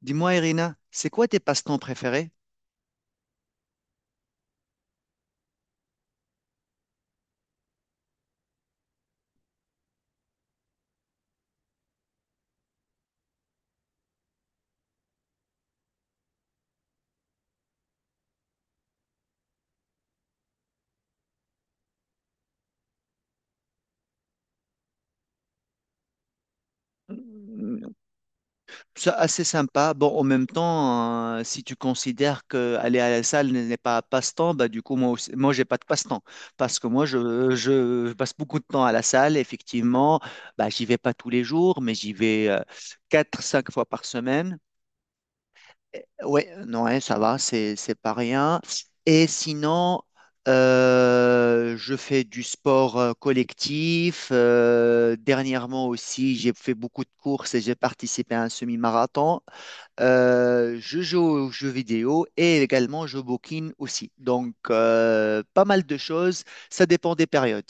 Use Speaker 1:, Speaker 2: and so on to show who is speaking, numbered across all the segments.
Speaker 1: Dis-moi, Irina, c'est quoi tes passe-temps préférés? Mm, C'est assez sympa. Bon, en même temps, si tu considères que aller à la salle n'est pas un passe-temps, bah du coup, moi aussi, moi, j'ai pas de passe-temps. Parce que moi, je passe beaucoup de temps à la salle, effectivement. Bah, j'y vais pas tous les jours, mais j'y vais 4, 5 fois par semaine. Oui, non, hein, ça va, c'est pas rien. Et sinon, je fais du sport collectif. Dernièrement aussi, j'ai fait beaucoup de courses et j'ai participé à un semi-marathon. Je joue aux jeux vidéo et également je bouquine aussi. Donc, pas mal de choses. Ça dépend des périodes.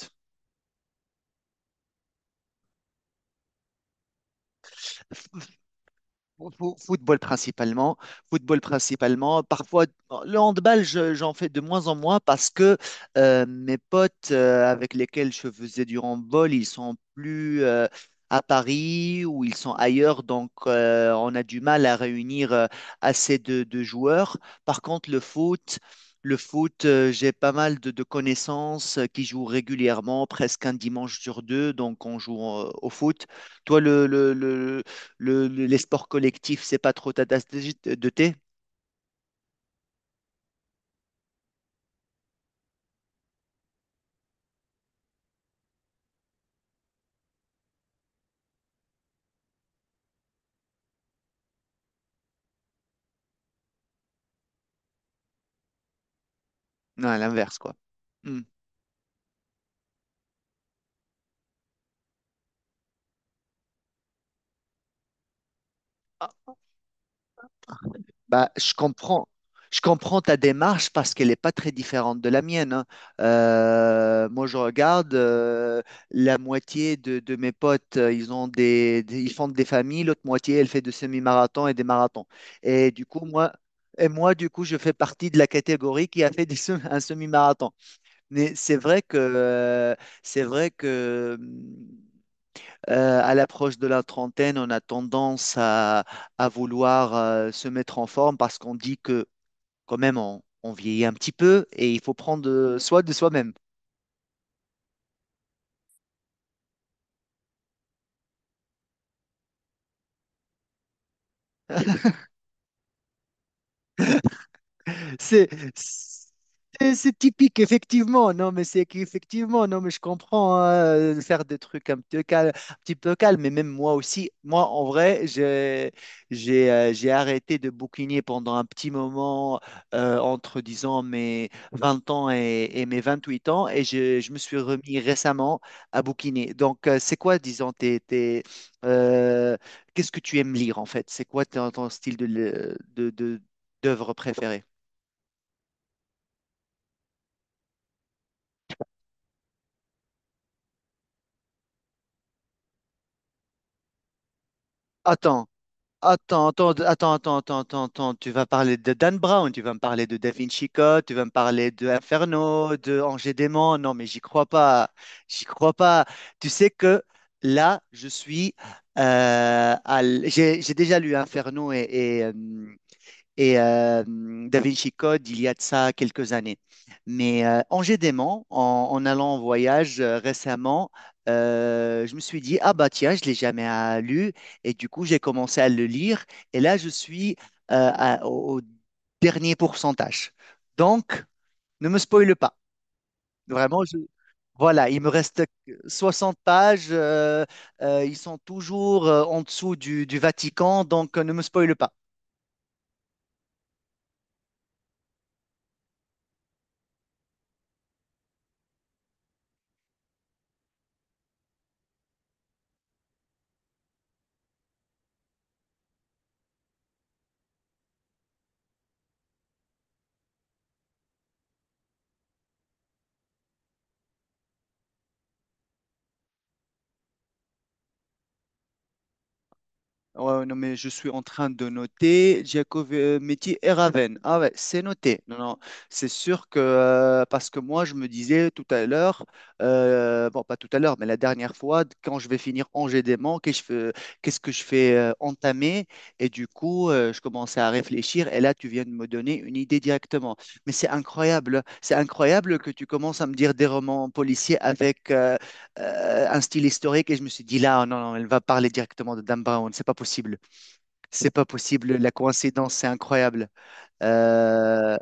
Speaker 1: Football principalement, football principalement. Parfois, le handball, j'en fais de moins en moins parce que mes potes avec lesquels je faisais du handball, ils sont plus à Paris ou ils sont ailleurs, donc on a du mal à réunir assez de joueurs. Par contre, le foot, j'ai pas mal de connaissances qui jouent régulièrement, presque un dimanche sur deux, donc on joue au foot. Toi, les sports collectifs, c'est pas trop ta tasse de thé? Non, à l'inverse, quoi. Hmm. Ah, Bah, je comprends. Je comprends ta démarche parce qu'elle n'est pas très différente de la mienne, hein. Moi, je regarde la moitié de mes potes, ils ont ils font des familles, l'autre moitié, elle fait des semi-marathons et des marathons. Et du coup, moi, et moi, du coup, je fais partie de la catégorie qui a fait un semi-marathon. Mais c'est vrai que à l'approche de la trentaine, on a tendance à vouloir se mettre en forme parce qu'on dit que quand même on vieillit un petit peu et il faut prendre soin de soi-même. C'est, c'est typique, effectivement. Non, mais c'est qu'effectivement, non, mais je comprends, hein, de faire des trucs un petit peu calme, un petit peu calme. Mais même moi aussi, moi, en vrai, j'ai arrêté de bouquiner pendant un petit moment, entre, disons, mes 20 ans et mes 28 ans. Et je me suis remis récemment à bouquiner. Donc, c'est quoi, disons, euh, qu'est-ce que tu aimes lire, en fait? C'est quoi ton, ton style de, de, de- d'œuvre préférée? Attends, attends, attends, attends, attends, attends, attends, attends. Tu vas parler de Dan Brown, tu vas me parler de Da Vinci Code, tu vas me parler de Inferno, de Ange et Démon. Non, mais j'y crois pas. J'y crois pas. Tu sais que là, je suis, j'ai déjà lu Inferno et Da Vinci Code il y a de ça quelques années. Mais en gédément, en allant en voyage récemment, je me suis dit, ah bah tiens, je ne l'ai jamais lu. Et du coup, j'ai commencé à le lire. Et là, je suis au dernier pourcentage. Donc, ne me spoile pas. Vraiment, voilà, il me reste 60 pages. Ils sont toujours en dessous du Vatican. Donc, ne me spoile pas. Ouais, ouais, non, mais je suis en train de noter Giacometti et Raven. Ah ouais, c'est noté. Non, non, c'est sûr que, parce que moi, je me disais tout à l'heure, bon, pas tout à l'heure, mais la dernière fois, quand je vais finir Angers-Démon, qu'est-ce que je fais entamer? Et du coup, je commençais à réfléchir, et là, tu viens de me donner une idée directement. Mais c'est incroyable que tu commences à me dire des romans policiers avec un style historique et je me suis dit là, oh, non, non, elle va parler directement de Dan Brown, c'est pas possible, la coïncidence, c'est incroyable. Euh,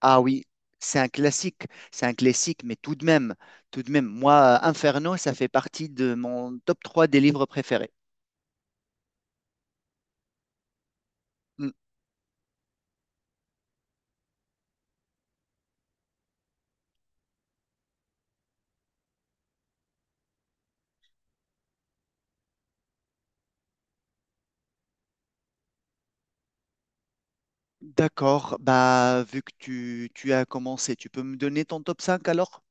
Speaker 1: ah oui, c'est un classique, mais tout de même, moi, Inferno, ça fait partie de mon top 3 des livres préférés. Hmm, D'accord, bah vu que tu as commencé, tu peux me donner ton top cinq alors?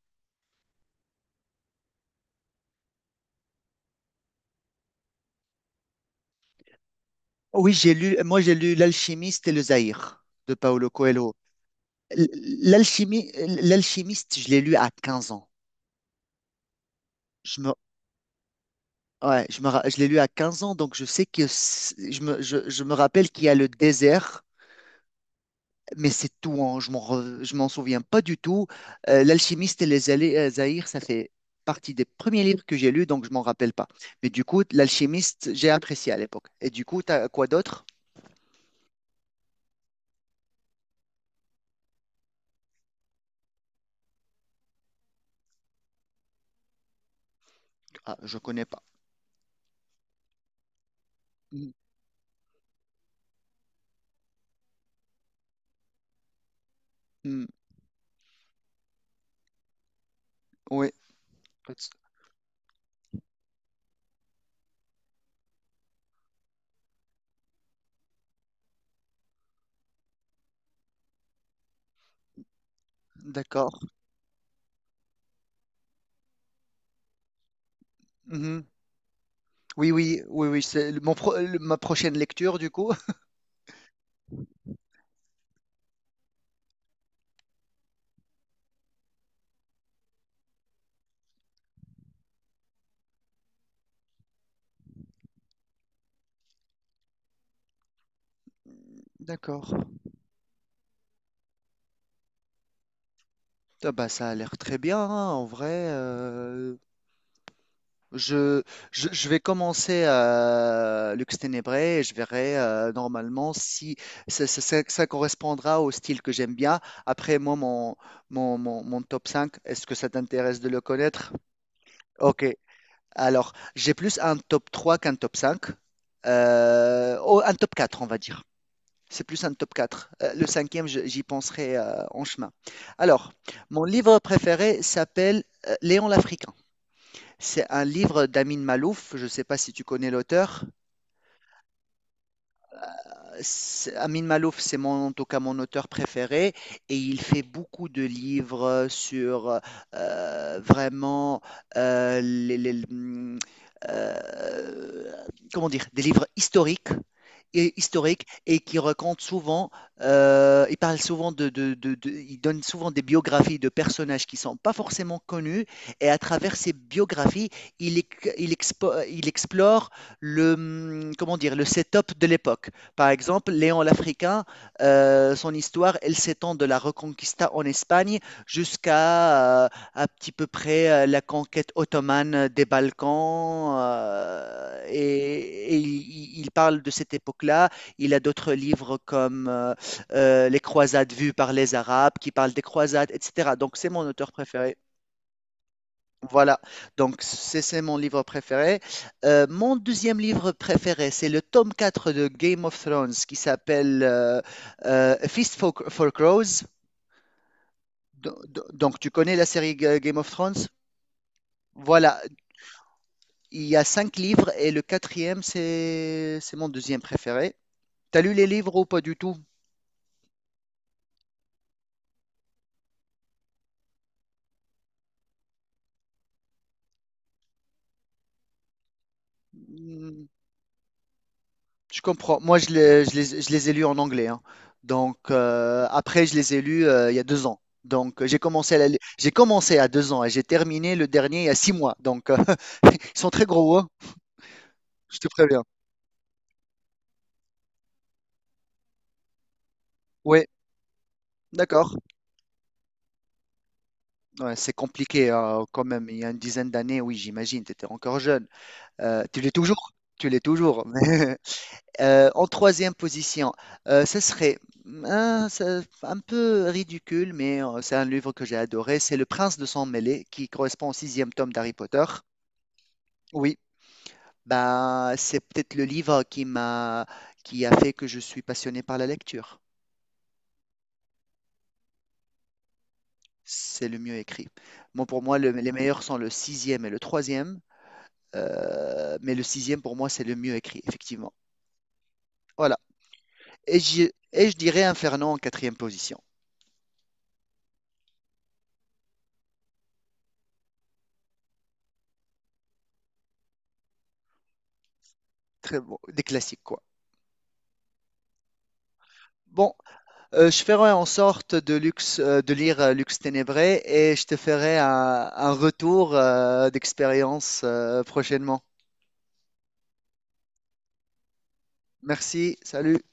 Speaker 1: Oui, j'ai lu, moi j'ai lu L'Alchimiste et le Zaïre de Paolo Coelho. L- L'alchimie, l'alchimiste, je l'ai lu à 15 ans. Je me, ouais, je l'ai lu à 15 ans, donc je sais que je me rappelle qu'il y a le désert, mais c'est tout, hein, je m'en souviens pas du tout. L'alchimiste et Zaïre, ça fait partie des premiers livres que j'ai lus, donc je m'en rappelle pas. Mais du coup, l'alchimiste, j'ai apprécié à l'époque. Et du coup, t'as quoi d'autre? Ah, je connais pas. Mhm. Mhm. Oui, d'accord. Mhm. Oui, oui, oui, oui, c'est le- mon pro- le- ma prochaine lecture, du coup. D'accord. Ah bah, ça a l'air très bien, hein, en vrai. Je, je vais commencer à Lux Ténébré et je verrai normalement si ça correspondra au style que j'aime bien. Après, moi, mon top cinq, est-ce que ça t'intéresse de le connaître? Ok, alors j'ai plus un top 3 qu'un top 5. Oh, un top 4, on va dire. C'est plus un top 4. Le cinquième, j'y penserai en chemin. Alors, mon livre préféré s'appelle Léon l'Africain. C'est un livre d'Amin Malouf. Je ne sais pas si tu connais l'auteur. C'est Amin Malouf, c'est mon, en tout cas mon auteur préféré et il fait beaucoup de livres sur vraiment euh, les, les- hum, euh, comment dire, des livres historiques et historique et qui raconte souvent, il parle souvent il donne souvent des biographies de personnages qui sont pas forcément connus et à travers ces biographies, il, ex- il, expo- il explore le, comment dire, le setup de l'époque. Par exemple, Léon l'Africain, son histoire, elle s'étend de la Reconquista en Espagne jusqu'à à petit peu près la conquête ottomane des Balkans il parle de cette époque-là. Il a d'autres livres comme Les croisades vues par les Arabes qui parlent des croisades, etc. Donc c'est mon auteur préféré. Voilà, donc c'est mon livre préféré. Mon deuxième livre préféré, c'est le tome 4 de Game of Thrones qui s'appelle Feast for Crows. Donc tu connais la série Game of Thrones? Voilà, il y a cinq livres et le quatrième, c'est mon deuxième préféré. T'as lu les livres ou pas du tout? Hmm, Je comprends. Moi, je les ai lus en anglais, hein. Donc, après, je les ai lus il y a 2 ans. Donc, j'ai commencé à 2 ans et j'ai terminé le dernier il y a 6 mois. Donc, ils sont très gros, hein, je te préviens. Oui, d'accord. Ouais, c'est compliqué quand même. Il y a une dizaine d'années, oui, j'imagine, tu étais encore jeune. Tu l'es toujours. Tu l'es toujours. En troisième position, ce serait un peu ridicule, mais c'est un livre que j'ai adoré. C'est Le Prince de sang mêlé, qui correspond au sixième tome d'Harry Potter. Oui, bah, c'est peut-être le livre qui a fait que je suis passionné par la lecture. C'est le mieux écrit. Moi, pour moi, les meilleurs sont le sixième et le troisième, mais le sixième, pour moi, c'est le mieux écrit, effectivement. Voilà. Et je, et je dirais Inferno en quatrième position. Très bon, des classiques quoi. Bon, je ferai en sorte de, de lire Lux Ténébré et je te ferai un retour d'expérience prochainement. Merci, salut.